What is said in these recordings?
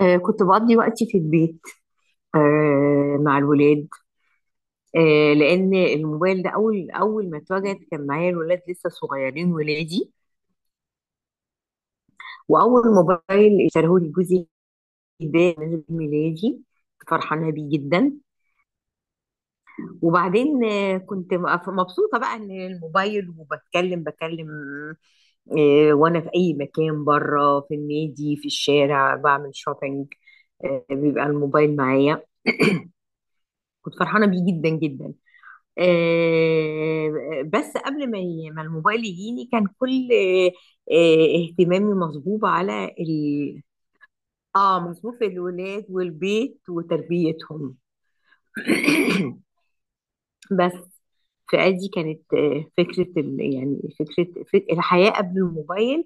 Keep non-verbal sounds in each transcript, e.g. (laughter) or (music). كنت بقضي وقتي في البيت. مع الولاد. لأن الموبايل ده أول ما اتوجد كان معايا الولاد لسه صغيرين ولادي. وأول موبايل اشتريه لي جوزي، ده من عيد ميلادي، فرحانة بيه جدا. وبعدين كنت مبسوطة بقى إن الموبايل، بكلم. وأنا في أي مكان، بره، في النادي، في الشارع، بعمل شوبينج، بيبقى الموبايل معايا. كنت فرحانة بيه جدا جدا. بس قبل ما ما الموبايل يجيني كان كل اهتمامي مصبوب على اه، مصروف الولاد والبيت وتربيتهم. (coughs) بس فأدي كانت فكرة يعني فكرة الحياة قبل الموبايل.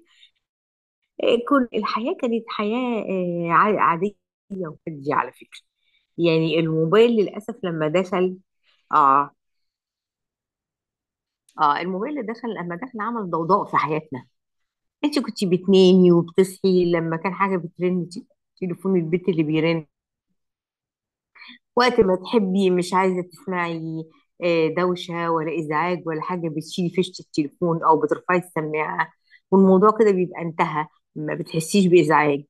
كل الحياة كانت حياة عادية وهادية على فكرة. يعني الموبايل للأسف لما دخل، اه اه، الموبايل اللي دخل لما دخل عمل ضوضاء في حياتنا. انت كنتي بتنامي وبتصحي لما كان حاجه بترن، تليفون البيت اللي بيرن. وقت ما تحبي مش عايزه تسمعي دوشه ولا ازعاج ولا حاجه، بتشيلي فيشه التليفون او بترفعي السماعه والموضوع كده بيبقى انتهى. ما بتحسيش بازعاج.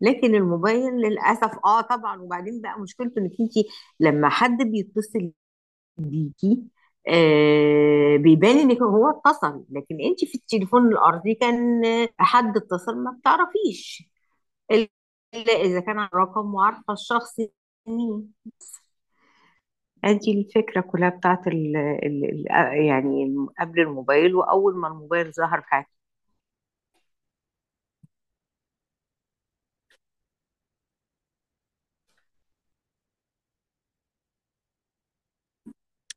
لكن الموبايل للاسف، اه طبعا، وبعدين بقى مشكلته انك انت لما حد بيتصل ديكي، آه، بيبان ان هو اتصل. لكن انت في التليفون الارضي كان حد اتصل ما بتعرفيش، الا اذا كان على الرقم وعارفه الشخص مين. ادي الفكره كلها بتاعت ال يعني قبل الموبايل، واول ما الموبايل ظهر في حياتي.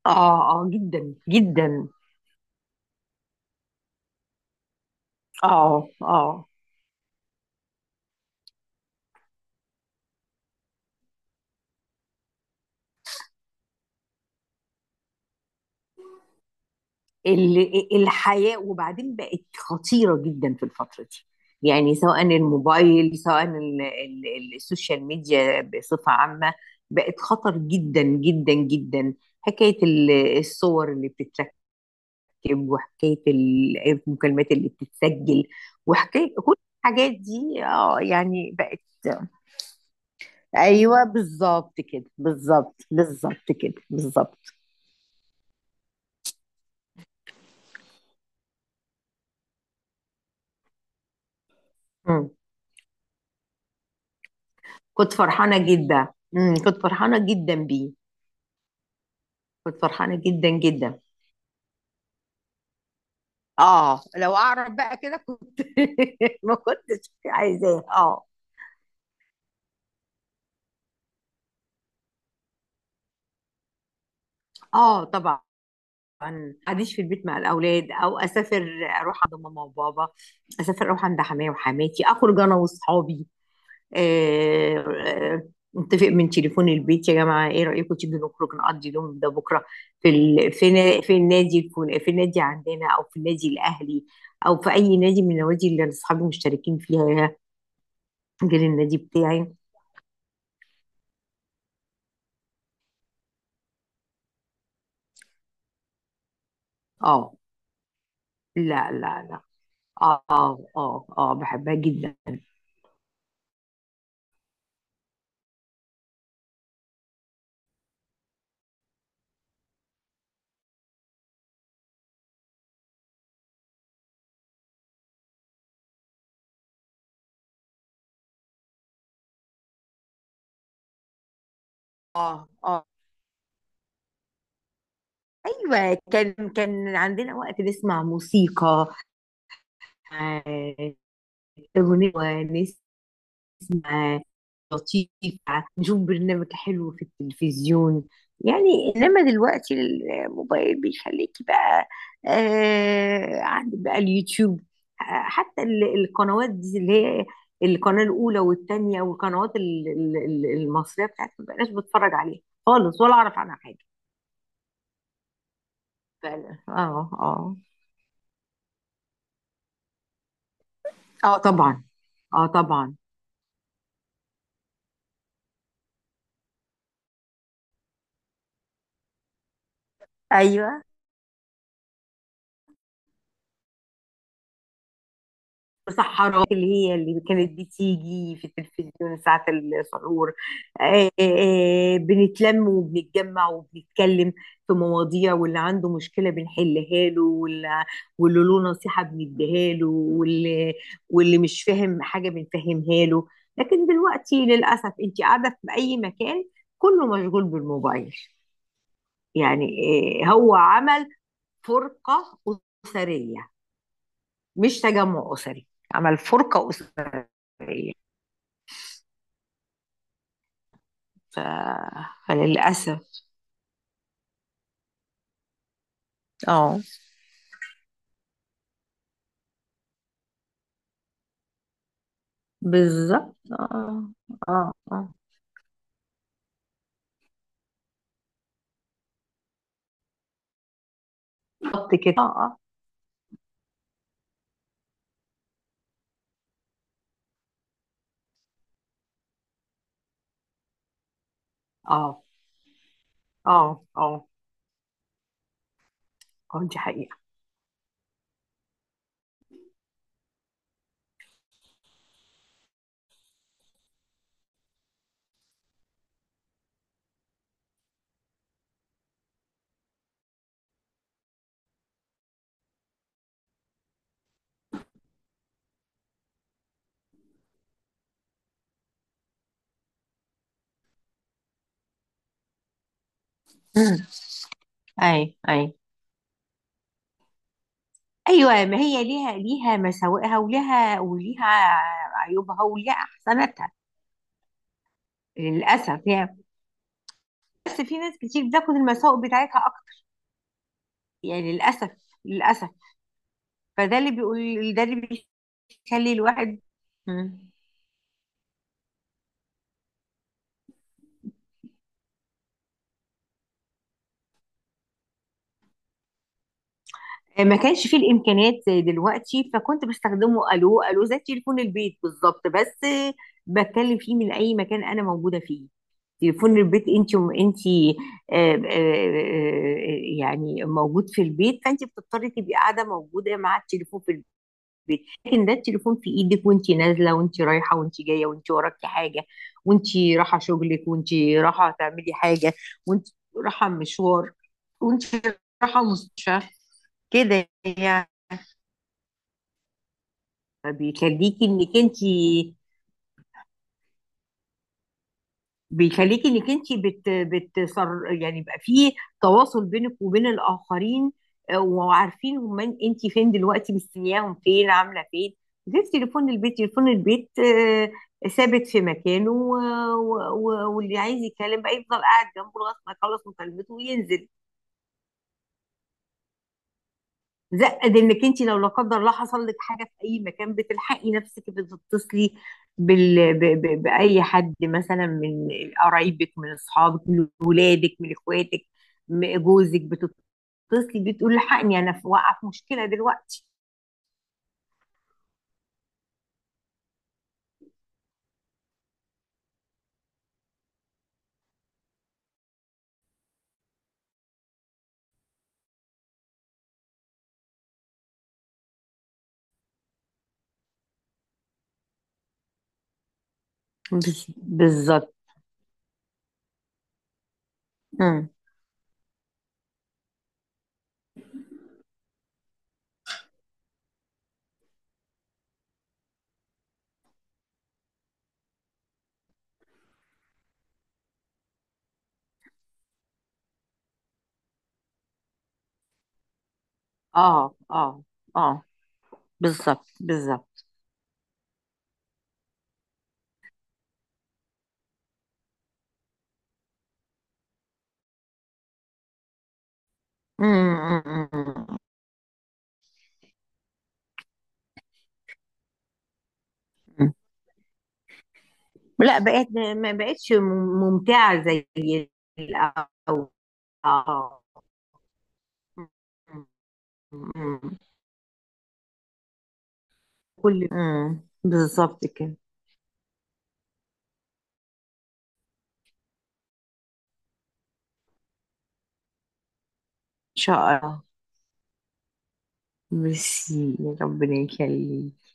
اه جدا جدا. اه. الحياة وبعدين بقت خطيرة جدا في الفترة دي. يعني سواء الموبايل، سواء السوشيال ميديا بصفة عامة، بقت خطر جدا جدا جدا. حكاية الصور اللي بتتركب، وحكاية المكالمات اللي بتتسجل، وحكاية كل الحاجات دي، اه يعني بقت. ايوه بالظبط كده، بالظبط، بالظبط كده، بالظبط. مم. كنت فرحانة جدا. مم. كنت فرحانة جدا بيه. كنت فرحانة جدا جدا. اه، لو اعرف بقى كده كنت (laughs) ما كنتش عايزاه. اه. اه طبعا. قعديش في البيت مع الاولاد او اسافر، اروح عند ماما وبابا. اسافر اروح عند حماية وحماتي، اخرج انا واصحابي. آه، آه، نتفق من تليفون البيت يا جماعه، ايه رايكم تيجي نخرج نقضي اليوم ده بكره، في في، في النادي، في النادي عندنا، او في النادي الاهلي، او في اي نادي من النوادي اللي اصحابي مشتركين فيها، غير النادي بتاعي. اه. لا لا لا. اه بحبها جدا. اه اه ايوه كان عندنا وقت نسمع موسيقى، آه، اغنيه ونسمع معاه لطيفة، نشوف برنامج حلو في التلفزيون. يعني إنما دلوقتي الموبايل بيخليكي بقى، آه، عندك بقى اليوتيوب، حتى القنوات دي اللي هي القناة الأولى والتانية والقنوات المصرية بتاعتي ما بقاش بتفرج عليها خالص، ولا أعرف عنها حاجة. فعلا. اه اه طبعا. اه طبعا. ايوه، سحرات اللي هي اللي كانت بتيجي في التلفزيون ساعة السحور. بنتلم وبنتجمع وبنتكلم في مواضيع، واللي عنده مشكلة بنحلها له، واللي له نصيحة بنديها له، واللي مش فاهم حاجة بنفهمها له. لكن دلوقتي للأسف أنت قاعدة في أي مكان كله مشغول بالموبايل، يعني هو عمل فرقة أسرية، مش تجمع أسري، عمل فرقة أسرية. ف... فللأسف. اه. بالظبط. اه اه اه بالظبط كده. اه اه اه اه اه دي حقيقة. مم. اي. ايوه، ما هي ليها، مساوئها، وليها عيوبها، وليها احسناتها. للاسف يعني. بس في ناس كتير بتاخد المساوئ بتاعتها اكتر، يعني للاسف، للاسف. فده اللي بيقول، ده اللي بيخلي الواحد. مم. ما كانش فيه الامكانيات زي دلوقتي، فكنت بستخدمه الو الو زي تليفون البيت بالظبط، بس بتكلم فيه من اي مكان انا موجوده فيه. تليفون البيت انت يعني موجود في البيت، فانت بتضطري تبقي قاعده موجوده مع التليفون في البيت. لكن ده التليفون في ايدك، وانت نازله، وانت رايحه، وانت جايه، وانت وراكي حاجه، وانت رايحه شغلك، وانت رايحه تعملي حاجه، وانت رايحه مشوار، وانت رايحه مستشفى، كده يعني. بيخليكي انك انت بيخليكي انك انت بتصر يعني، يبقى في تواصل بينك وبين الاخرين. وعارفين هم انت فين دلوقتي، مستنياهم فين، عامله فين. غير تليفون البيت، تليفون البيت ثابت في مكانه، واللي عايز يتكلم بقى يفضل قاعد جنبه لغايه ما يخلص مكالمته وينزل. زائد انك انت لو لا قدر الله حصل لك حاجه في اي مكان بتلحقي نفسك، بتتصلي باي حد مثلا، من قرايبك، من اصحابك، من ولادك، من اخواتك، من جوزك، بتتصلي بتقول لحقني انا في واقعه، في مشكله دلوقتي. بالظبط. مم. اه اه اه بالظبط، بالظبط. مم، مم، مم، مم، مم. لا بقت، ما بقتش ممتعه زي الاول. اه. مم. مم. بالظبط كده. ان شاء الله. ميرسي، يا ربنا يخليك.